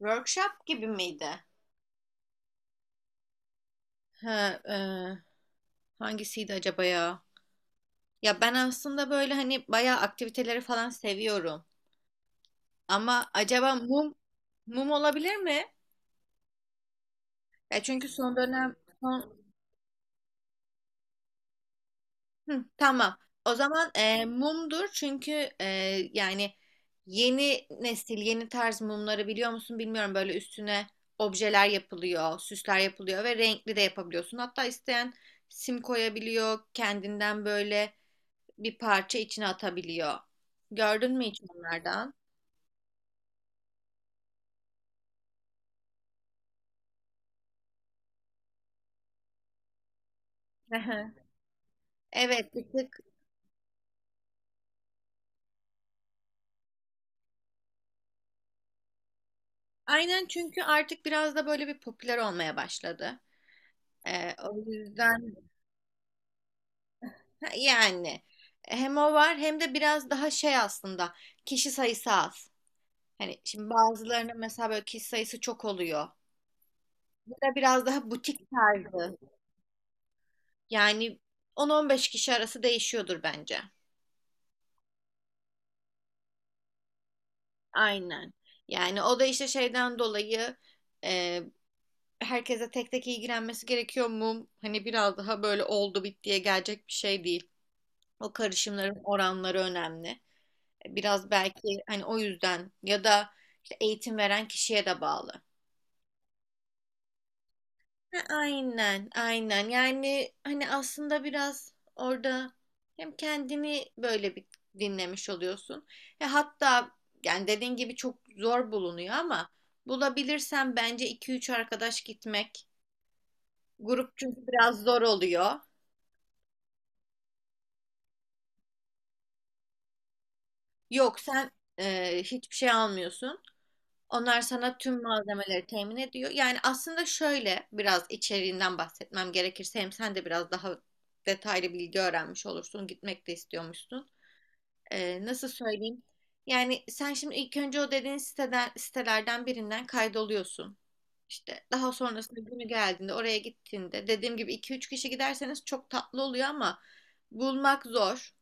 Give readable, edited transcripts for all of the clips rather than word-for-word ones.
Workshop gibi miydi? Ha, e, Hangisiydi acaba ya? Ya ben aslında böyle hani bayağı aktiviteleri falan seviyorum. Ama acaba mum olabilir mi? Ya çünkü son dönem. Hı, tamam. O zaman mumdur çünkü e, yani yeni nesil, yeni tarz mumları biliyor musun bilmiyorum. Böyle üstüne objeler yapılıyor, süsler yapılıyor ve renkli de yapabiliyorsun. Hatta isteyen sim koyabiliyor, kendinden böyle bir parça içine atabiliyor. Gördün mü hiç onlardan? Hı hı. Evet, bir tık. Aynen çünkü artık biraz da böyle bir popüler olmaya başladı. E, o yüzden. Ha, yani hem o var hem de biraz daha şey aslında, kişi sayısı az. Hani şimdi bazılarının mesela böyle kişi sayısı çok oluyor. Bu da biraz daha butik tarzı. Yani 10-15 kişi arası değişiyordur bence. Aynen. Yani o da işte şeyden dolayı, e, herkese tek tek ilgilenmesi gerekiyor mu? Hani biraz daha böyle oldu bittiye gelecek bir şey değil. O karışımların oranları önemli. Biraz belki hani o yüzden ya da işte eğitim veren kişiye de bağlı. Ha, aynen, aynen. Yani hani aslında biraz orada hem kendini böyle bir dinlemiş oluyorsun. E hatta yani dediğin gibi çok zor bulunuyor ama bulabilirsen bence iki üç arkadaş gitmek. Grup çünkü biraz zor oluyor. Yok sen hiçbir şey almıyorsun. Onlar sana tüm malzemeleri temin ediyor. Yani aslında şöyle biraz içeriğinden bahsetmem gerekirse hem sen de biraz daha detaylı bilgi öğrenmiş olursun. Gitmek de istiyormuşsun. Nasıl söyleyeyim? Yani sen şimdi ilk önce o dediğin siteden, sitelerden birinden kaydoluyorsun. İşte daha sonrasında günü geldiğinde oraya gittiğinde dediğim gibi iki üç kişi giderseniz çok tatlı oluyor ama bulmak zor.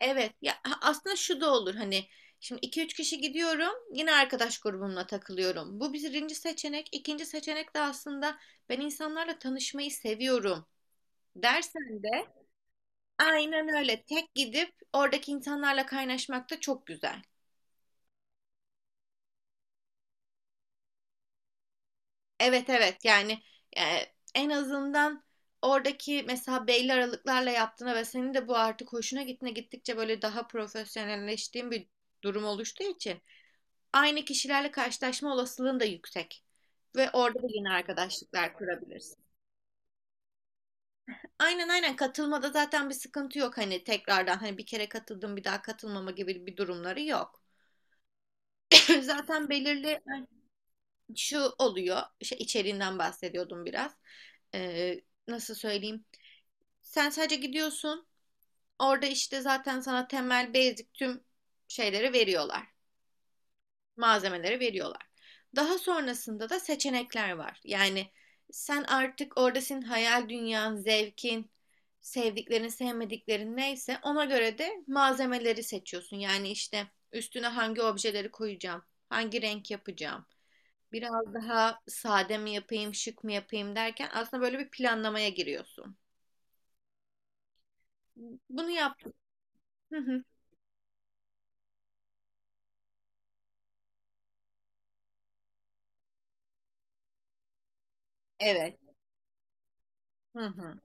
Evet ya, aslında şu da olur hani şimdi iki üç kişi gidiyorum, yine arkadaş grubumla takılıyorum. Bu birinci seçenek. İkinci seçenek de aslında ben insanlarla tanışmayı seviyorum dersen de aynen öyle tek gidip oradaki insanlarla kaynaşmak da çok güzel. Evet evet yani, e, en azından oradaki mesela belli aralıklarla yaptığına ve senin de bu artık hoşuna gittiğine, gittikçe böyle daha profesyonelleştiğin bir durum oluştuğu için aynı kişilerle karşılaşma olasılığın da yüksek. Ve orada da yine arkadaşlıklar kurabilirsin. Aynen aynen, katılmada zaten bir sıkıntı yok, hani tekrardan hani bir kere katıldım bir daha katılmama gibi bir durumları yok. Zaten belirli şu oluyor, işte içeriğinden bahsediyordum biraz. Ee, Nasıl söyleyeyim? Sen sadece gidiyorsun, orada işte zaten sana temel basic tüm şeyleri veriyorlar, malzemeleri veriyorlar. Daha sonrasında da seçenekler var. Yani sen artık orada, senin hayal dünyan, zevkin, sevdiklerin, sevmediklerin neyse ona göre de malzemeleri seçiyorsun. Yani işte üstüne hangi objeleri koyacağım, hangi renk yapacağım, biraz daha sade mi yapayım, şık mı yapayım derken aslında böyle bir planlamaya giriyorsun. Bunu yaptım. Hı hı. Evet. Hı hı.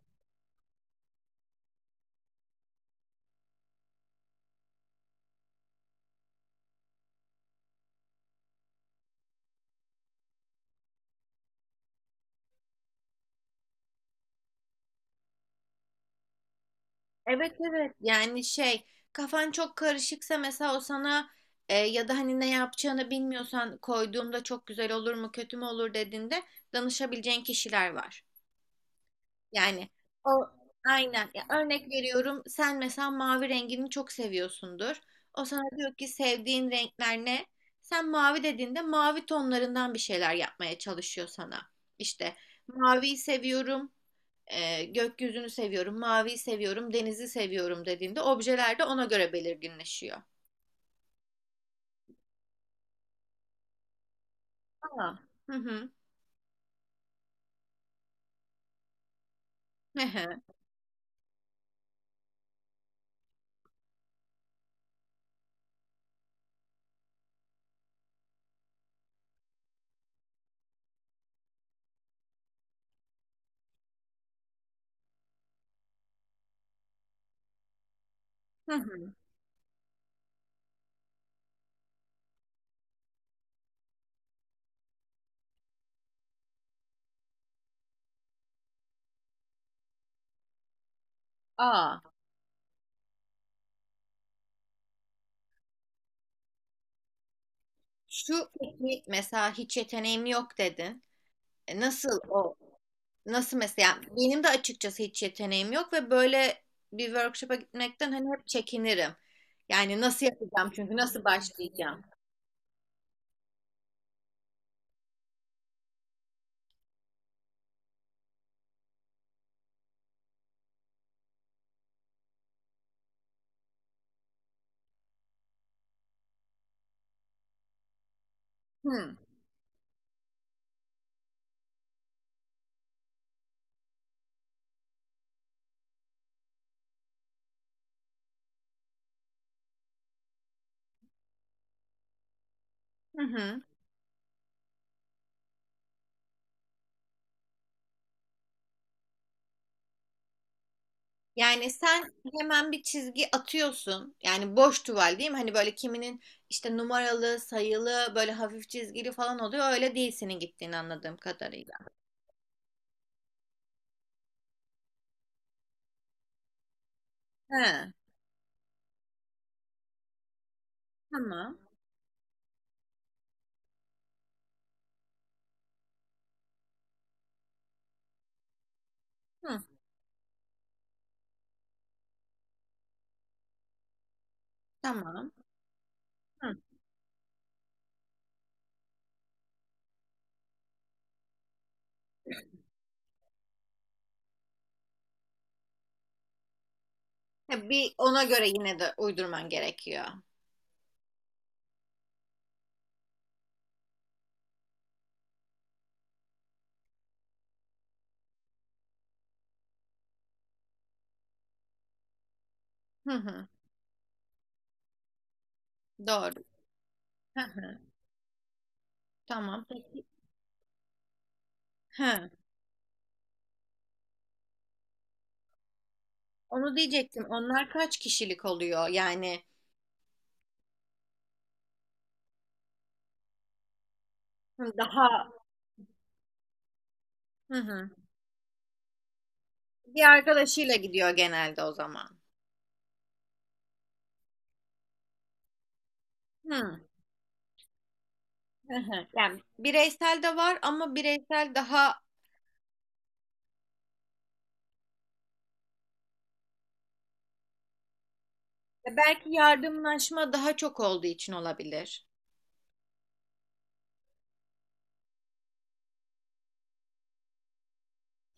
Evet evet yani şey, kafan çok karışıksa mesela o sana ya da hani ne yapacağını bilmiyorsan, koyduğumda çok güzel olur mu kötü mü olur dediğinde danışabileceğin kişiler var. Yani o, aynen ya, örnek veriyorum, sen mesela mavi rengini çok seviyorsundur. O sana diyor ki sevdiğin renkler ne? Sen mavi dediğinde mavi tonlarından bir şeyler yapmaya çalışıyor sana. İşte maviyi seviyorum, gökyüzünü seviyorum, maviyi seviyorum, denizi seviyorum dediğinde objeler de ona göre belirginleşiyor. Aa. Hı hı. Hı hı. Hı hı. Aa. Şu peki, mesela hiç yeteneğim yok dedin. E, nasıl o? Nasıl mesela? Benim de açıkçası hiç yeteneğim yok ve böyle bir workshop'a gitmekten hani hep çekinirim. Yani nasıl yapacağım, çünkü nasıl başlayacağım? Hı hı. Hı. Yani sen hemen bir çizgi atıyorsun. Yani boş tuval değil mi? Hani böyle kiminin işte numaralı, sayılı, böyle hafif çizgili falan oluyor. Öyle değil senin gittiğini anladığım kadarıyla. He, tamam. Hı, tamam. Hı. Ha, bir ona göre yine de uydurman gerekiyor. Hı hı, doğru. Hı hı, tamam. Peki. He, onu diyecektim. Onlar kaç kişilik oluyor? Yani hı, daha hı hı. Bir arkadaşıyla gidiyor genelde o zaman. Hı. Hı hı. Yani bireysel de var ama bireysel daha, belki yardımlaşma daha çok olduğu için olabilir.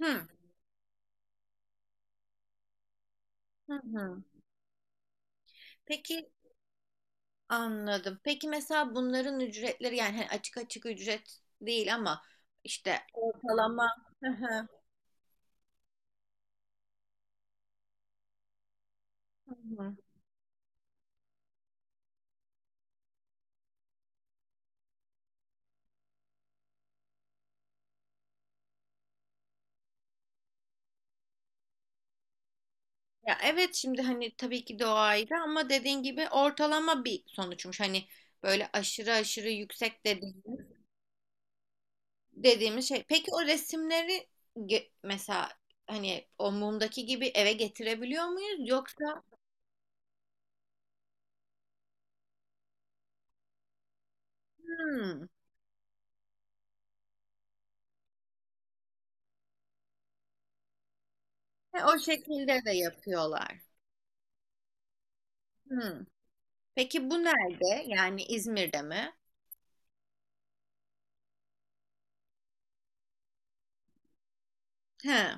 Hı. Hı hı. Peki anladım. Peki mesela bunların ücretleri, yani hani açık açık ücret değil ama işte ortalama. Hı hı. Hı hı. Ya evet, şimdi hani tabii ki de o ayrı ama dediğin gibi ortalama bir sonuçmuş. Hani böyle aşırı aşırı yüksek de değil dediğimiz şey. Peki o resimleri mesela hani o mumdaki gibi eve getirebiliyor muyuz? Yoksa hmm, he, o şekilde de yapıyorlar. Hmm. Peki bu nerede? Yani İzmir'de mi? He.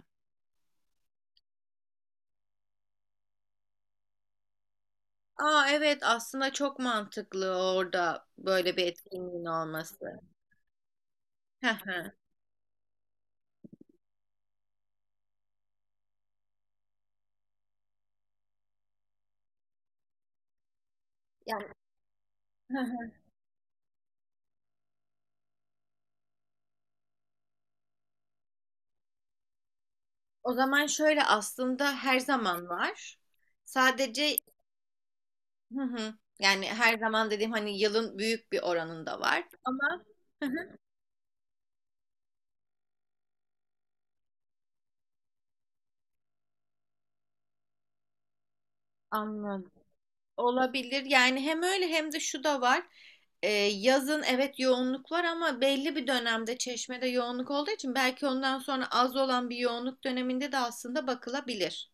Aa evet, aslında çok mantıklı orada böyle bir etkinliğin olması. Hı hı. Yani hı hı, o zaman şöyle aslında her zaman var. Sadece hı hı. Yani her zaman dediğim hani yılın büyük bir oranında var ama anladım. Olabilir. Yani hem öyle hem de şu da var. Yazın evet yoğunluk var ama belli bir dönemde Çeşme'de yoğunluk olduğu için belki ondan sonra az olan bir yoğunluk döneminde de aslında bakılabilir.